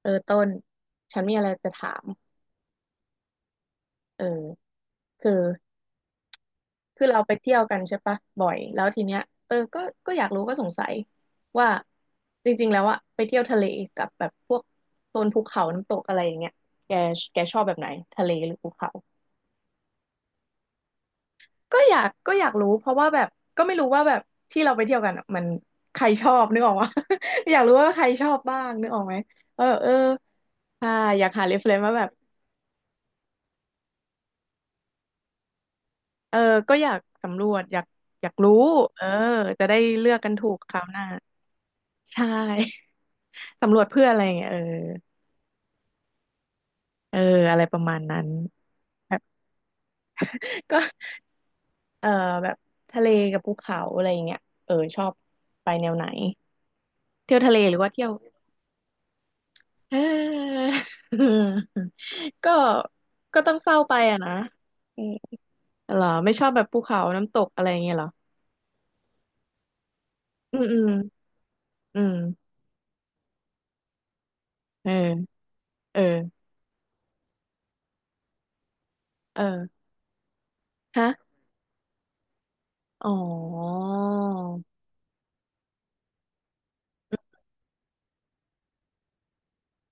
เออต้นฉันมีอะไรจะถามเออคือคือเราไปเที่ยวกันใช่ปะบ่อยแล้วทีเนี้ยเออก็อยากรู้ก็สงสัยว่าจริงๆแล้วอะไปเที่ยวทะเลกับแบบพวกโซนภูเขาน้ำตกอะไรอย่างเงี้ยแกแกชอบแบบไหนทะเลหรือภูเขาก็อยากรู้เพราะว่าแบบก็ไม่รู้ว่าแบบที่เราไปเที่ยวกันอะมันใครชอบนึกออกวะ อยากรู้ว่าใครชอบบ้างนึกออกไหมเออเออใช่อยากหาเรฟเฟนว่าแบบ เออก็อยากสำรวจอยากอยากรู้เออจะได้เลือกกันถูกคราวหน้าใช่ สำรวจเพื่ออะไรอย่างเงี้ยเออเอออะไรประมาณนั้นแบบก็เออแบบทะเลกับภูเขาอะไรอย่างเงี้ยเออชอบไปแนวไหนเที่ยวทะเลหรือว่าเที่ยวเออ ก็ก็ต้องเศร้าไปอะนะอืมเหรอไม่ชอบแบบภูเขาน้ำตกอะไรอย่างเงี้ยเหรออืมอืมอืมเออเออเออฮะอ๋อ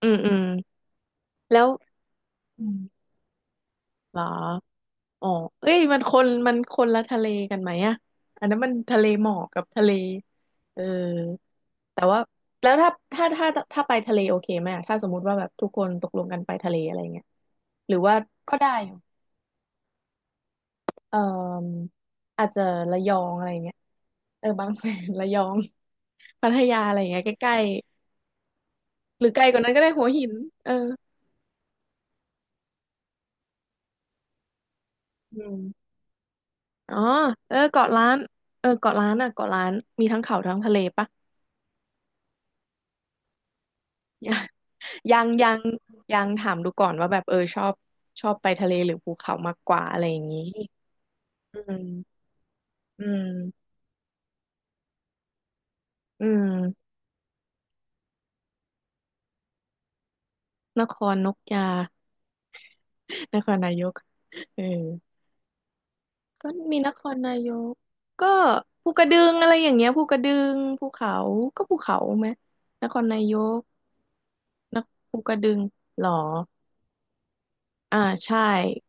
อืมอืมแล้วอืมเหรออ๋อเอ้ยมันคนละทะเลกันไหมอะอันนั้นมันทะเลหมอกกับทะเลเออแต่ว่าแล้วถ้าไปทะเลโอเคไหมอะถ้าสมมุติว่าแบบทุกคนตกลงกันไปทะเลอะไรเงี้ยหรือว่าก็ได้อยู่เอ่ออาจจะระยองอะไรเงี้ยเออบางแสนระยองพัทยาอะไรเงี้ยใกล้ๆหรือไกลกว่านั้นก็ได้หัวหินเอออืม อ๋อเออเกาะล้านเออเกาะล้านอ่ะเกาะล้านมีทั้งเขาทั้งทะเลปะ ยังยังยังถามดูก่อนว่าแบบเออชอบชอบไปทะเลหรือภูเขามากกว่าอะไรอย่างนี้อืมอืมอืมนครนกยา นครนายกเออก็มีนครนายกก็ภูกระดึงอะไรอย่างเงี้ยภูกระดึงภูเขาก็ภูเขาไหมนครนายกนคภูกระดึงหรอ อ่าใช่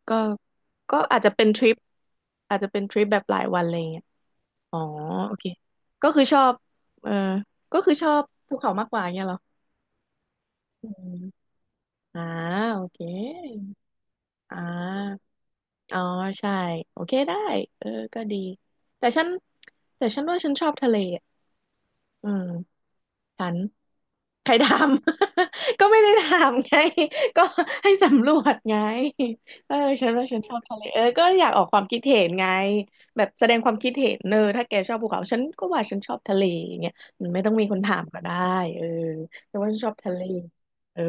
ก็ก็อาจจะเป็นทริปอาจจะเป็นทริปแบบหลายวันอะไรเงี้ยอ๋อโอเคก็คือชอบเออก็คือชอบภูเขามากกว่าเงี้ยเหรออืมอ่าโอเคอ่าอ๋อใช่โอเคได้เออก็ดีแต่ฉันแต่ฉันว่าฉันชอบทะเล อืมฉันใครทำ ก็ไม่ได้ทำไง ก็ให้สำรวจไงเออฉันว่าฉันชอบทะเลเออก็อยากออกความคิดเห็นไงแบบแสดงความคิดเห็นเนออถ้าแกชอบภูเขาฉันก็ว่าฉันชอบทะเลอย่างเงี้ยมันไม่ต้องมีคนถามก็ได้เออแต่ว่าฉันชอบทะเลเออ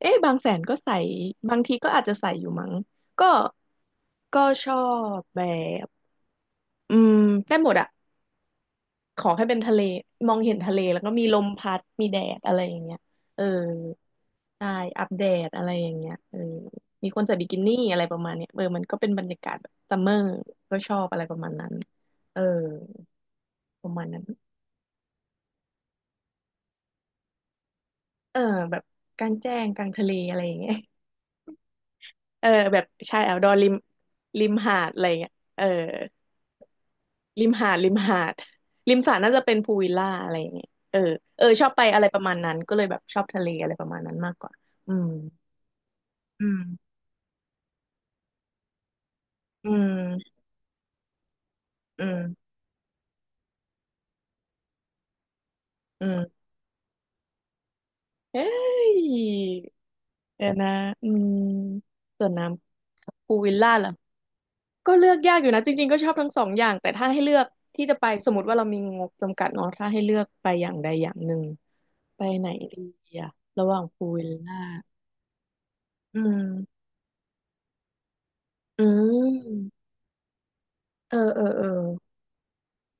เอ๊ะบางแสนก็ใส่บางทีก็อาจจะใส่อยู่มั้งก็ก็ชอบแบบอืมได้หมดอะ ขอให้เป็นทะเลมองเห็นทะเลแล้วก็มีลมพัดมีแดดอะไรอย่างเงี้ยเออใช่อัปเดตอะไรอย่างเงี้ยเออมีคนใส่บิกินี่อะไรประมาณเนี้ยเออมันก็เป็นบรรยากาศแบบซัมเมอร์ก็ชอบอะไรประมาณนั้นเออประมาณนั้นเออแบบกลางแจ้งกลางทะเลอะไรอย่างเงี้ย เออแบบชาย o u t d o ริมริมหาดอะไรอย่างเงี้ยเออริมหาดริมหาดริมสระน่าจะเป็นพูลวิลล่าอะไรอย่างเงี้ยเออเออชอบไปอะไรประมาณนั้นก็เลยแบบชอบทะเลอะไรประมาณนั้นมากกว่าอืม อืมอืมอืมอืมเฮ้ยเดี๋ยวนะอืมส่วนน้ำพูลวิลล่าล่ะก็เลือกยากอยู่นะจริงๆก็ชอบทั้งสองอย่างแต่ถ้าให้เลือกที่จะไปสมมติว่าเรามีงบจำกัดเนาะถ้าให้เลือกไปอย่างใดอย่างหนึ่งไปไหนดีอะระหว่างพูลวิลล่าอืม อืม เออ เออเออ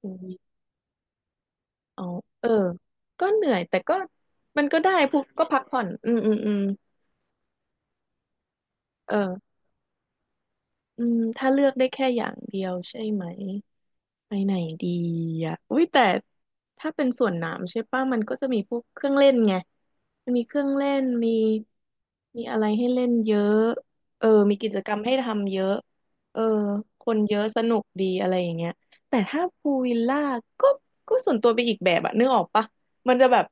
อืมอ๋อเออ ก็เหนื่อยแต่ก็มันก็ได้พูก็พักผ่อนอืมอืมอืมเออ อืมถ้าเลือกได้แค่อย่างเดียวใช่ไหมไปไหนดีอ่ะอุ้ยแต่ถ้าเป็นสวนน้ำใช่ป่ะมันก็จะมีพวกเครื่องเล่นไงมันมีเครื่องเล่นมีอะไรให้เล่นเยอะเออมีกิจกรรมให้ทำเยอะเออคนเยอะสนุกดีอะไรอย่างเงี้ยแต่ถ้าพูลวิลล่าก็ก็ส่วนตัวไปอีกแบบอะนึกออกปะมันจะแบบ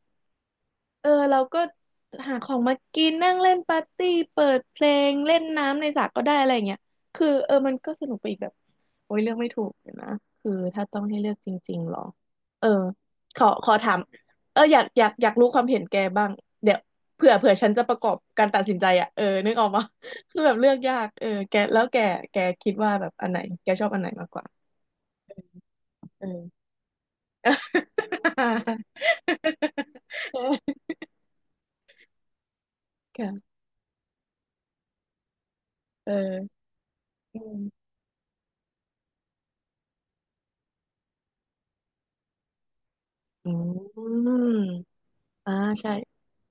เออเราก็หาของมากินนั่งเล่นปาร์ตี้เปิดเพลงเล่นน้ำในสระก็ได้อะไรอย่างเงี้ยคือเออมันก็สนุกไปอีกแบบโอ้ยเลือกไม่ถูกเลยนะคือถ้าต้องให้เลือกจริงๆหรอเออขอถามเอออยากรู้ความเห็นแกบ้างเดี๋ยวเผื่อฉันจะประกอบการตัดสินใจอ่ะเออนึกออกปะ คือแบบเลือกยากเออแกแล้วแกคิดว่าแบบอันไหนแกชอบอันไหนมากกว่าเออ ค่ะเอออืม อืมอ่าใช่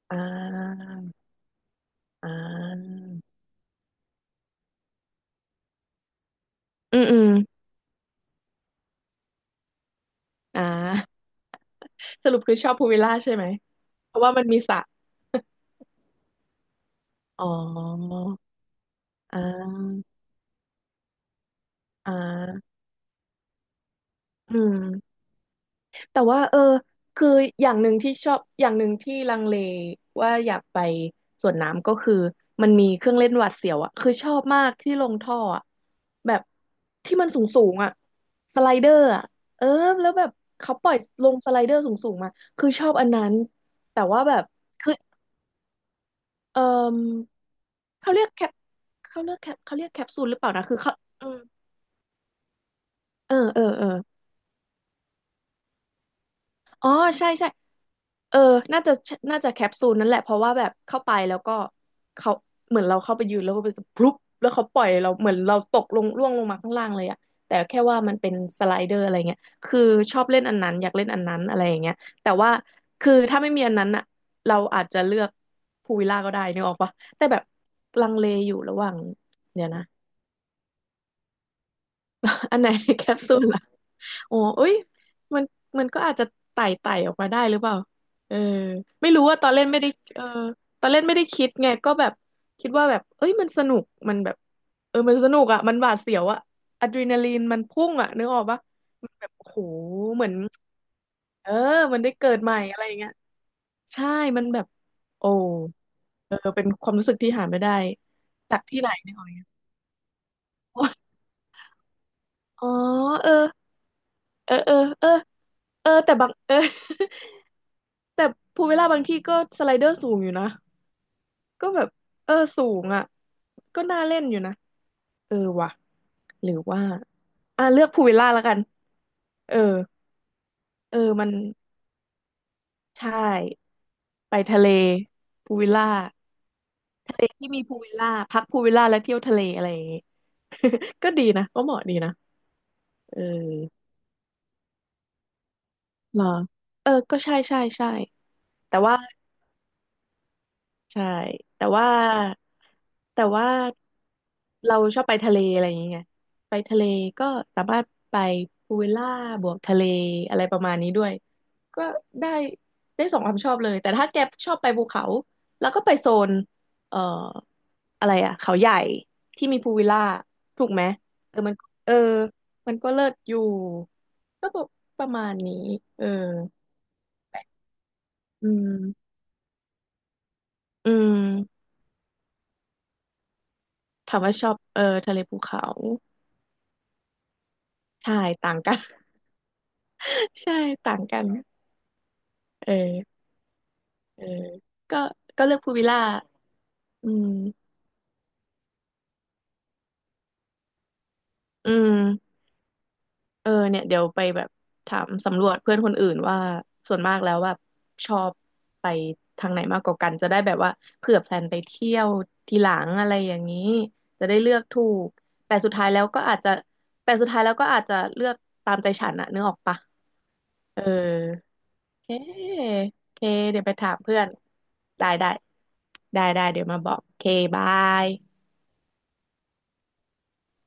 อ่าอ่าอืมอืมอ่าสรุปคือชอบพูลวิลล่าใช่ไหมเพราะว่ามันมีสระอ๋ออ่าอ่าอืม แต่ว่าคืออย่างหนึ่งที่ชอบอย่างหนึ่งที่ลังเลว่าอยากไปสวนน้ำก็คือมันมีเครื่องเล่นหวาดเสียวอ่ะคือชอบมากที่ลงท่ออะแบบที่มันสูงสูงอ่ะสไลเดอร์อ่ะเออแล้วแบบเขาปล่อยลงสไลเดอร์สูงสูงมาคือชอบอันนั้นแต่ว่าแบบคือเออเขาเรียกแคปเขาเรียกแคปเขาเรียกแคปซูลหรือเปล่านะคือเขาอืมเออเออเออ อ๋อใช่ใช่เออน่าจะน่าจะแคปซูลนั่นแหละเพราะว่าแบบเข้าไปแล้วก็เขาเหมือนเราเข้าไปยืนแล้วก็ไปพลุบแล้วเขาปล่อยเราเหมือนเราตกลงร่วงลงมาข้างล่างเลยอะแต่แค่ว่ามันเป็นสไลเดอร์อะไรเงี้ยคือชอบเล่นอันนั้นอยากเล่นอันนั้นอะไรอย่างเงี้ยแต่ว่าคือถ้าไม่มีอันนั้นอะเราอาจจะเลือกพูลวิลล่าก็ได้นึกออกปะแต่แบบลังเลอยู่ระหว่างเดี๋ยวนะ อันไหน แคปซูลล่ะโอ้เอ้ยมันมันก็อาจจะไต่ออกมาได้หรือเปล่าเออไม่รู้ว่าตอนเล่นไม่ได้เออตอนเล่นไม่ได้คิดไงก็แบบคิดว่าแบบเอ้ยมันสนุกมันแบบเออมันสนุกอ่ะมันหวาดเสียวอ่ะอะดรีนาลีนมันพุ่งอ่ะนึกออกปะมันแบบโอ้โหเหมือนเออมันได้เกิดใหม่อะไรอย่างเงี้ยใช่มันแบบโอ้เออเป็นความรู้สึกที่หาไม่ได้จากที่ไหนเนึกออกอ๋อเออ เออเออเออเออแต่บาง เออ แต่ภูวิลล่าบางที่ก็สไลเดอร์สูงอยู่นะก็แบบเออสูงอ่ะก็น่าเล่นอยู่นะเออว่ะหรือว่าอ่ะเลือกภูวิลล่าแล้วกันเออเออมันใช่ไปทะเลภูลวิลล่าทะเลที่มีภูลวิลล่าพักภูลวิลล่าแล้วเที่ยวทะเลอะไรอย่างงี้ ก็ดีนะก็เหมาะดีนะเออเหรอเออก็ใช่ใช่ใช่แต่ว่า ใช่แต่ว่าแต่ว่าเราชอบไปทะเลอะไรอย่างเงี้ยไปทะเลก็สามารถไปพูลวิลล่าบวกทะเลอะไรประมาณนี้ด้วยก็ได้ได้สองความชอบเลยแต่ถ้าแกชอบไปภูเขาแล้วก็ไปโซนเอ่ออะไรอะเขาใหญ่ที่มีพูลวิลล่าถูกไหมเออมันเออมันก็เลิศอยู่ก็ประมาณนี้เอออืมอืมถามว่าชอบเออทะเลภูเขา ใช่ต่างกัน ใช่ต่างกันเออเออก็ก็เลือกพูวิลล่าอืมอืมเออเนี่ยเดี๋ยวไปแบบถามสำรวจเพื่อนคนอื่นว่าส่วนมากแล้วแบบชอบไปทางไหนมากกว่ากันจะได้แบบว่าเผื่อแพลนไปเที่ยวทีหลังอะไรอย่างนี้จะได้เลือกถูกแต่สุดท้ายแล้วก็อาจจะแต่สุดท้ายแล้วก็อาจจะเลือกตามใจฉันอะนึกออกปะเออ เคเค เดี๋ยวไปถามเพื่อน ได้ได้ ได้ได้เดี๋ยวมาบอกเค บาย